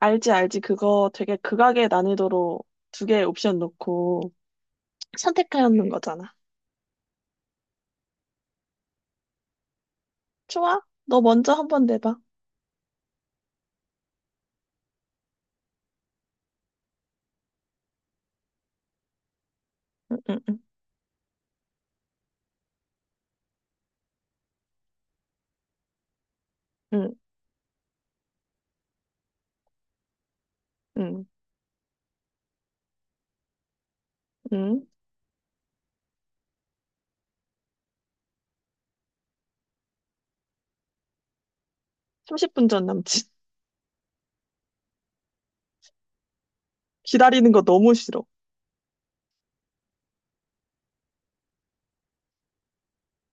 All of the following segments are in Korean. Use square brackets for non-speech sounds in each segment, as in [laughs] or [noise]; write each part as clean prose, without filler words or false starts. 알지, 알지. 그거 되게 극악의 난이도로 두 개의 옵션 놓고 선택하였는 거잖아. 좋아. 너 먼저 한번 내봐. 응, 응, 응, 응, 응, 응. 30분 전 남친. 기다리는 거 너무 싫어.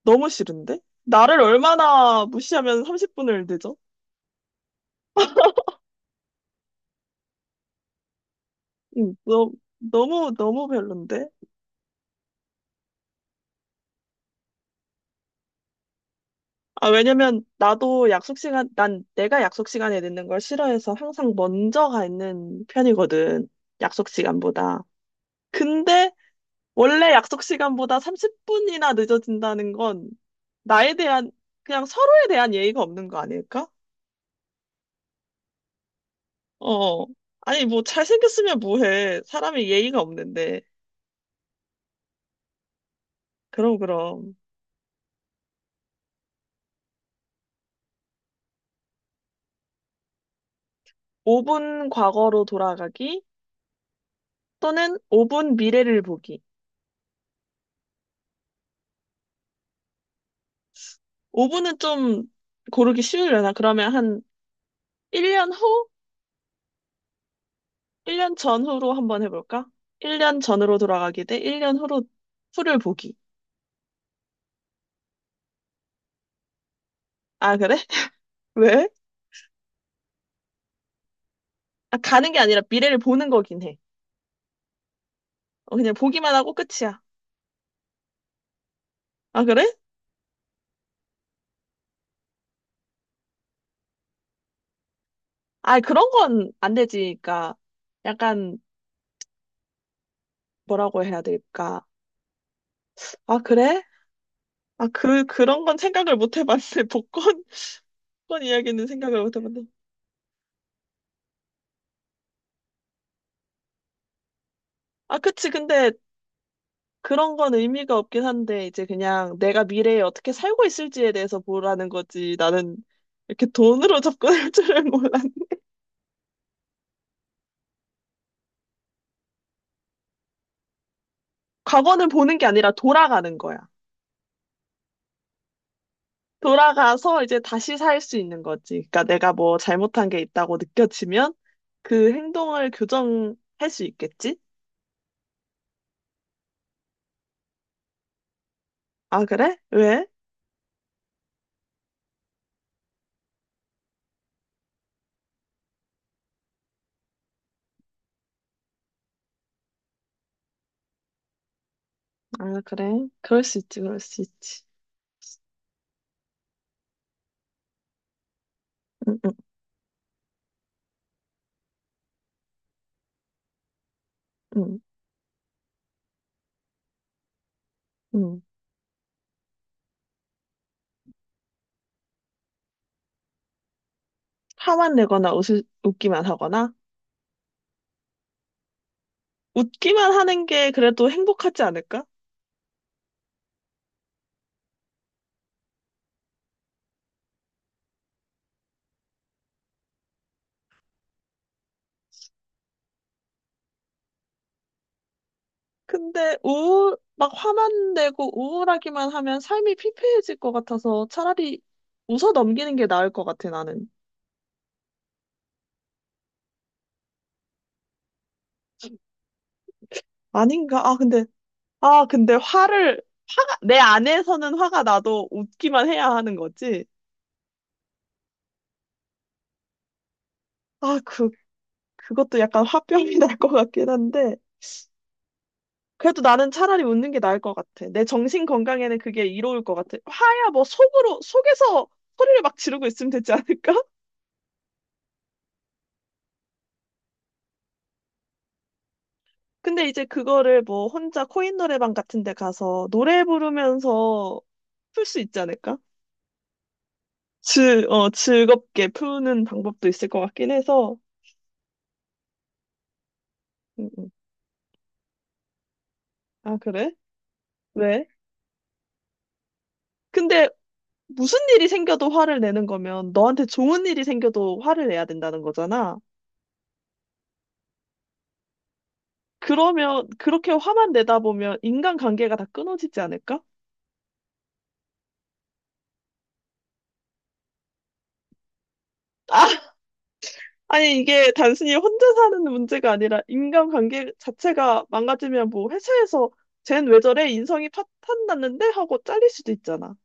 너무 싫은데? 나를 얼마나 무시하면 30분을 늦어? 응, 너무, 너무 별론데? 아, 왜냐면 나도 난 내가 약속 시간에 늦는 걸 싫어해서 항상 먼저 가 있는 편이거든. 약속 시간보다. 근데 원래 약속 시간보다 30분이나 늦어진다는 건 나에 대한, 그냥 서로에 대한 예의가 없는 거 아닐까? 어. 아니, 뭐, 잘생겼으면 뭐해. 사람이 예의가 없는데. 그럼, 그럼. 5분 과거로 돌아가기 또는 5분 미래를 보기. 5분은 좀 고르기 쉬우려나? 그러면 한 1년 후? 1년 전후로 한번 해볼까? 1년 전으로 돌아가기 대 1년 후를 보기. 아, 그래? [laughs] 왜? 아, 가는 게 아니라 미래를 보는 거긴 해. 어, 그냥 보기만 하고 끝이야. 아, 그래? 아, 그런 건 안 되지. 그러니까 약간 뭐라고 해야 될까? 아, 그래? 아, 그런 건 생각을 못 해봤네. [laughs] 복권 복권 이야기는 생각을 못 해봤네. 아, 그치. 근데 그런 건 의미가 없긴 한데 이제 그냥 내가 미래에 어떻게 살고 있을지에 대해서 보라는 거지. 나는 이렇게 돈으로 접근할 [laughs] 줄을 몰랐. 과거는 보는 게 아니라 돌아가는 거야. 돌아가서 이제 다시 살 수 있는 거지. 그러니까 내가 뭐 잘못한 게 있다고 느껴지면 그 행동을 교정할 수 있겠지? 아, 그래? 왜? 아, 그래. 그럴 수 있지, 그럴 수 있지. 응, 응, 응, 응. 화만 내거나 웃 웃기만 하거나? 웃기만 하는 게 그래도 행복하지 않을까? 근데 막 화만 내고 우울하기만 하면 삶이 피폐해질 것 같아서 차라리 웃어 넘기는 게 나을 것 같아, 나는. 아닌가? 아, 근데, 화가, 내 안에서는 화가 나도 웃기만 해야 하는 거지? 아, 그거 그것도 약간 화병이 [laughs] 날 것 같긴 한데, 그래도 나는 차라리 웃는 게 나을 것 같아. 내 정신 건강에는 그게 이로울 것 같아. 화야 뭐 속으로, 속에서 소리를 막 지르고 있으면 되지 않을까? [laughs] 근데 이제 그거를 뭐 혼자 코인 노래방 같은 데 가서 노래 부르면서 풀 수 있지 않을까? 즐겁게 푸는 방법도 있을 것 같긴 해서. 음, 음. 아, 그래? 왜? 근데 무슨 일이 생겨도 화를 내는 거면 너한테 좋은 일이 생겨도 화를 내야 된다는 거잖아. 그러면 그렇게 화만 내다 보면 인간관계가 다 끊어지지 않을까? 아, 아니 이게 단순히 혼자 사는 문제가 아니라 인간관계 자체가 망가지면 뭐 회사에서 쟨 왜 저래? 인성이 파탄 났는데? 하고 잘릴 수도 있잖아.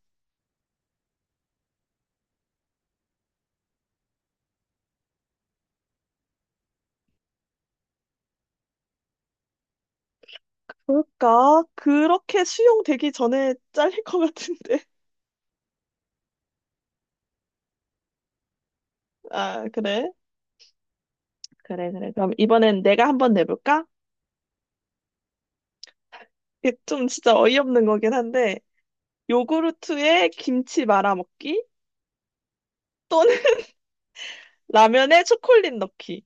그러니까 그렇게 수용되기 전에 잘릴 것 같은데. [laughs] 아, 그래? 그래, 그래. 그럼 이번엔 내가 한번 내볼까? 이게 좀 진짜 어이없는 거긴 한데 요구르트에 김치 말아 먹기 또는 [laughs] 라면에 초콜릿 넣기.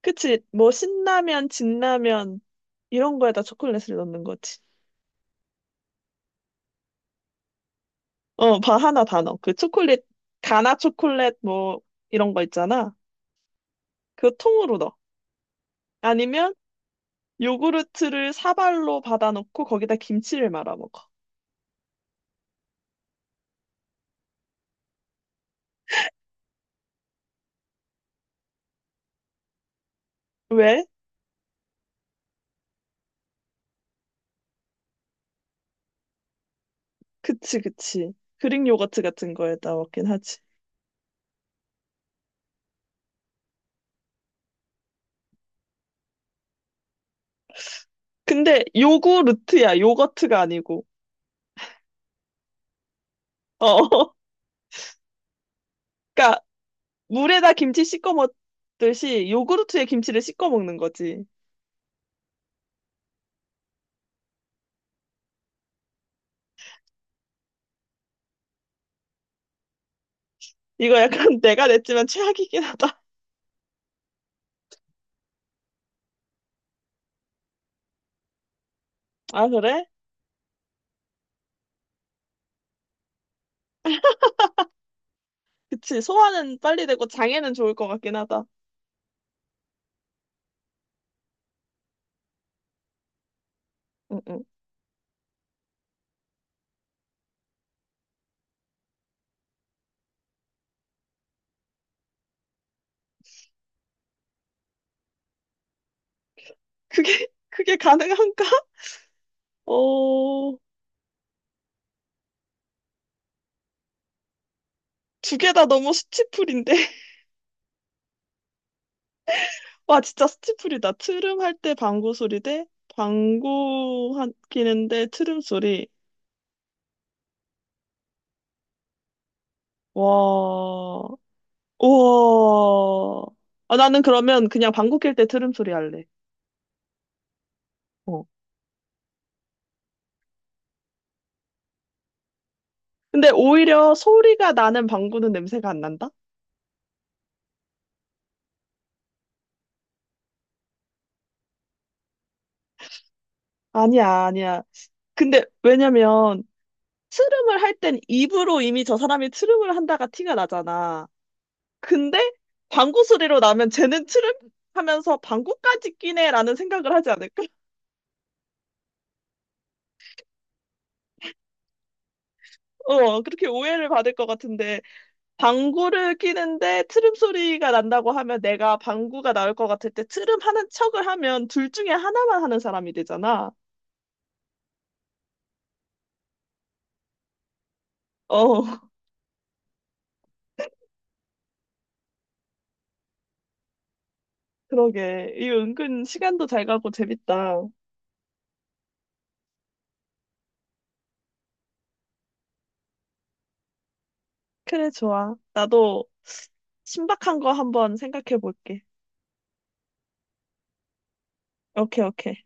그치? 뭐 신라면, 진라면 이런 거에다 초콜릿을 넣는 거지. 어, 바 하나 다 넣어. 그 초콜릿, 가나 초콜릿 뭐 이런 거 있잖아. 그거 통으로 넣어. 아니면 요구르트를 사발로 받아놓고 거기다 김치를 말아 먹어. 왜? 그치, 그치. 그릭 요거트 같은 거에다 먹긴 하지. 근데 요구르트야, 요거트가 아니고. 어, [laughs] 그러니까 물에다 김치 씻어 먹듯이 요구르트에 김치를 씻어 먹는 거지. 이거 약간 [laughs] 내가 냈지만 최악이긴 하다. 아, 그래? 그치. 소화는 빨리 되고 장애는 좋을 것 같긴 하다. 응, 응. 그게, [laughs] 그게 가능한가? 어, 두 개 다 너무 스티플인데. [laughs] 와, 진짜 스티플이다. 트름 할 때 방구 소리 대 방구 끼는데 트름 소리. 와, 우와. 아, 나는 그러면 그냥 방구 낄 때 트름 소리 할래. 어. 근데 오히려 소리가 나는 방구는 냄새가 안 난다? 아니야, 아니야. 근데 왜냐면 트름을 할 땐 입으로 이미 저 사람이 트름을 한다가 티가 나잖아. 근데 방구 소리로 나면 쟤는 트름 하면서 방구까지 끼네라는 생각을 하지 않을까? [laughs] 어, 그렇게 오해를 받을 것 같은데 방구를 끼는데 트름 소리가 난다고 하면 내가 방구가 나올 것 같을 때 트름 하는 척을 하면 둘 중에 하나만 하는 사람이 되잖아. 어, [laughs] 그러게. 이 은근 시간도 잘 가고 재밌다. 그래, 좋아. 나도 신박한 거 한번 생각해 볼게. 오케이, 오케이.